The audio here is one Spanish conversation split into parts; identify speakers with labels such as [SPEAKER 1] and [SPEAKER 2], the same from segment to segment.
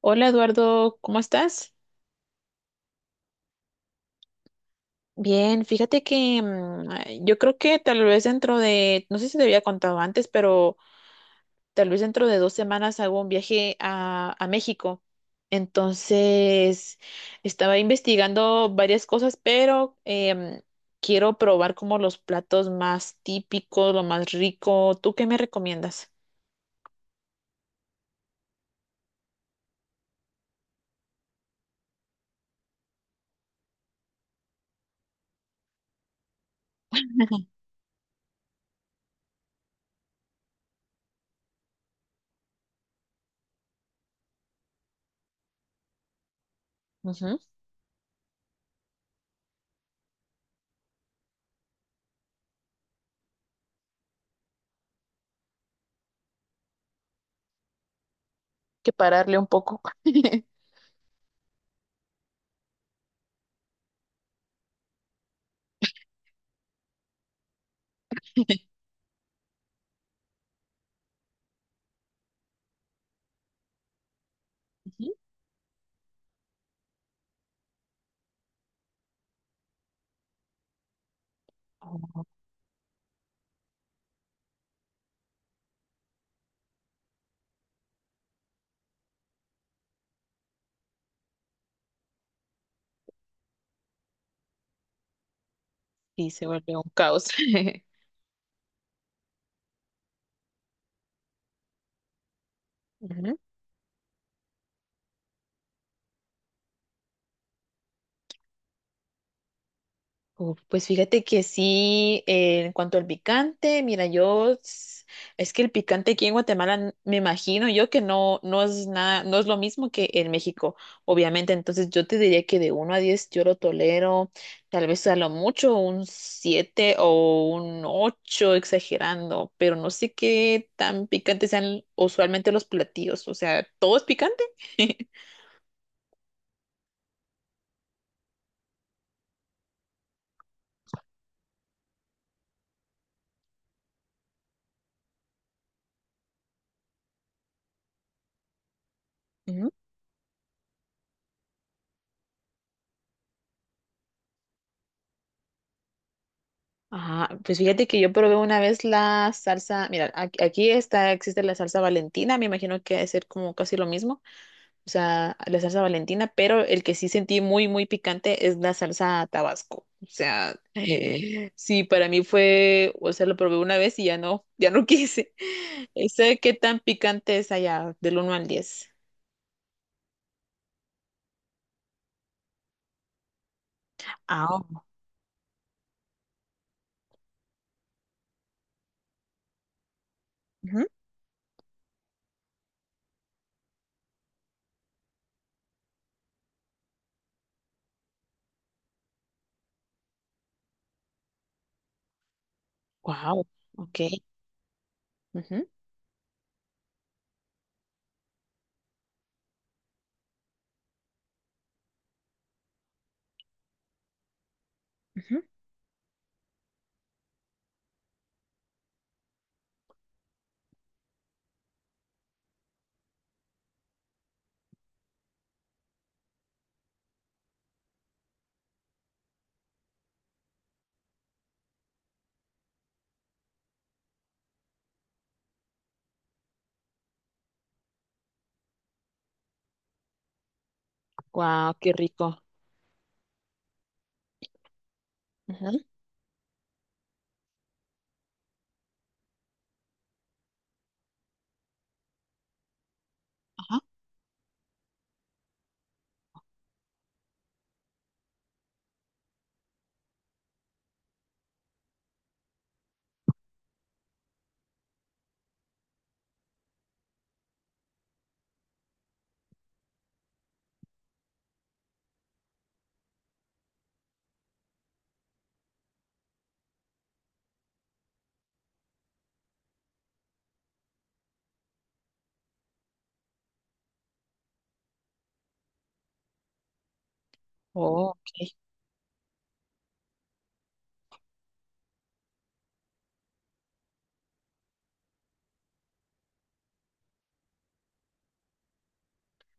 [SPEAKER 1] Hola Eduardo, ¿cómo estás? Bien, fíjate que ay, yo creo que tal vez no sé si te había contado antes, pero tal vez dentro de 2 semanas hago un viaje a México. Entonces, estaba investigando varias cosas, pero quiero probar como los platos más típicos, lo más rico. ¿Tú qué me recomiendas? Ujú. Que pararle un poco. Ujú. Oh, sí, se vuelve un caos. Ujú. Uf, pues fíjate que sí, en cuanto al picante, mira, es que el picante aquí en Guatemala me imagino yo que no, no es nada, no es lo mismo que en México, obviamente. Entonces yo te diría que de 1 a 10 yo lo tolero, tal vez a lo mucho un 7 o un 8 exagerando, pero no sé qué tan picantes sean usualmente los platillos. O sea, ¿todo es picante? Ajá, pues fíjate que yo probé una vez la salsa, mira, aquí está, existe la salsa Valentina, me imagino que debe ser como casi lo mismo, o sea, la salsa Valentina, pero el que sí sentí muy, muy picante es la salsa Tabasco, o sea, sí, para mí fue, o sea, lo probé una vez y ya no, ya no quise. Sé qué tan picante es allá, del 1 al 10. Ah, wow, ok, ujú, ujú. Guau, qué rico. Ujú. Ajá. Oh, ok.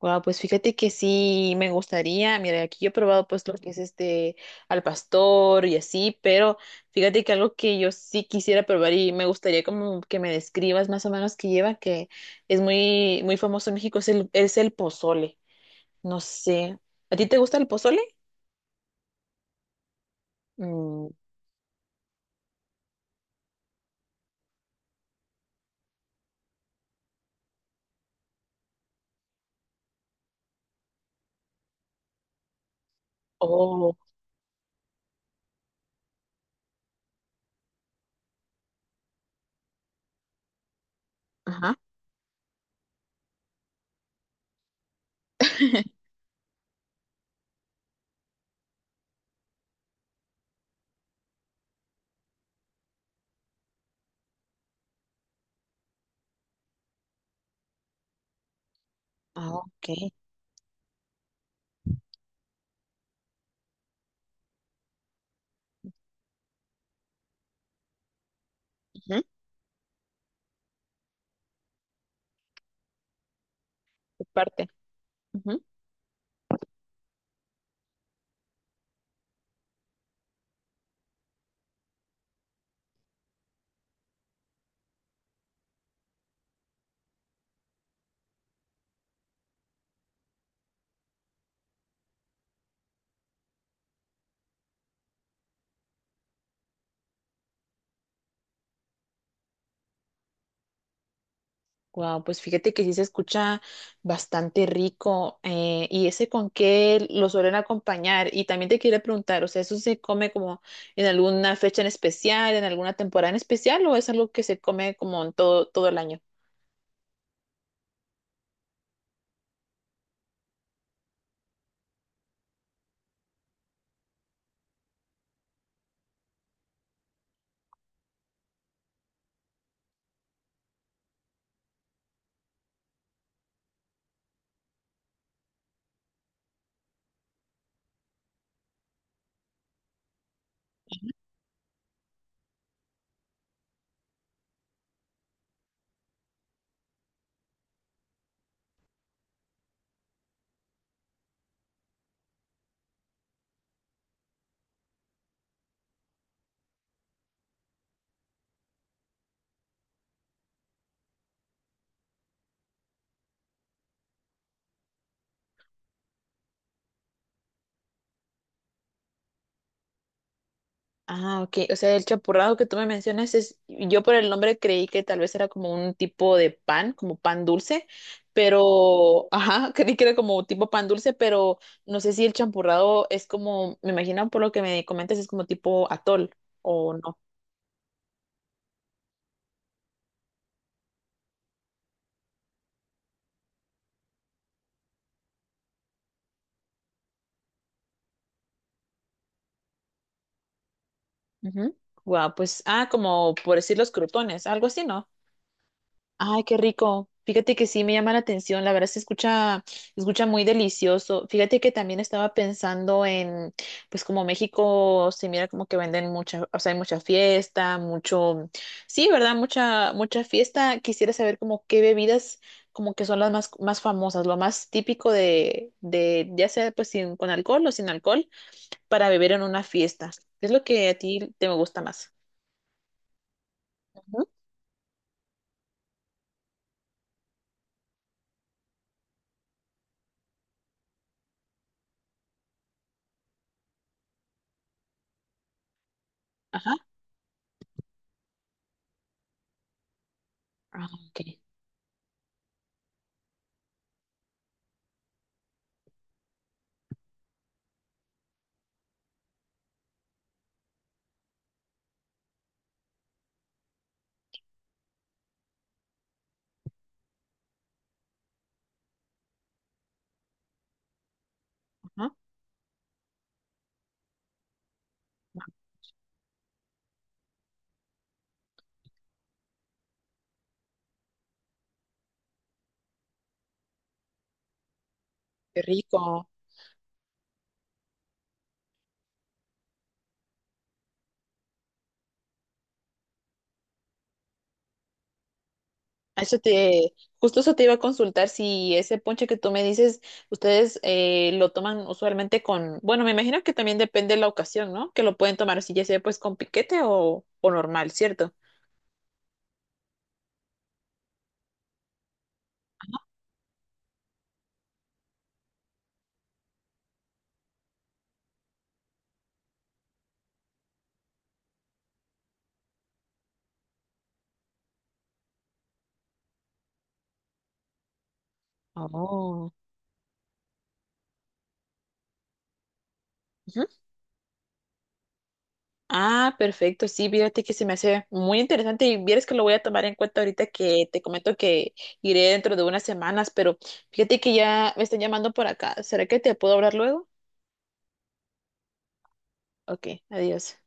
[SPEAKER 1] Wow, pues fíjate que sí me gustaría, mira, aquí yo he probado pues lo que es este al pastor y así, pero fíjate que algo que yo sí quisiera probar y me gustaría como que me describas más o menos que lleva, que es muy, muy famoso en México, es el pozole. No sé, ¿a ti te gusta el pozole? Mm, oh, ajá. Ah, ok. Ujú, tu parte. Wow, pues fíjate que sí se escucha, bastante rico. Eh, ¿y ese con qué lo suelen acompañar? Y también te quería preguntar, o sea, ¿eso se come como en alguna fecha en especial, en alguna temporada en especial, o es algo que se come como en todo, todo el año? Ah, ok. O sea, el champurrado que tú me mencionas es, yo por el nombre creí que tal vez era como un tipo de pan, como pan dulce, pero, ajá, creí que era como tipo pan dulce, pero no sé si el champurrado es como, me imagino por lo que me comentas, es como tipo atol o no. Ujú. Guau, pues, ah, como por decir los crutones, algo así, ¿no? Ay, qué rico. Fíjate que sí me llama la atención, la verdad se escucha muy delicioso. Fíjate que también estaba pensando en, pues como México se mira como que venden mucha, o sea, hay mucha fiesta, mucho, sí, ¿verdad? Mucha, mucha fiesta. Quisiera saber como qué bebidas como que son las más, más famosas, lo más típico ya sea pues sin, con alcohol o sin alcohol, para beber en una fiesta. ¿Qué es lo que a ti te gusta más? Ujú. Ajá. Ah, ok. Ajá. Qué rico. Eso te, justo eso te iba a consultar si ese ponche que tú me dices, ustedes lo toman usualmente con, bueno, me imagino que también depende de la ocasión, ¿no? Que lo pueden tomar así, ya sea pues con piquete o normal, ¿cierto? Oh. Ujú. Ah, perfecto, sí, fíjate que se me hace muy interesante y vieres que lo voy a tomar en cuenta ahorita que te comento que iré dentro de unas semanas, pero fíjate que ya me están llamando por acá. ¿Será que te puedo hablar luego? Ok, adiós.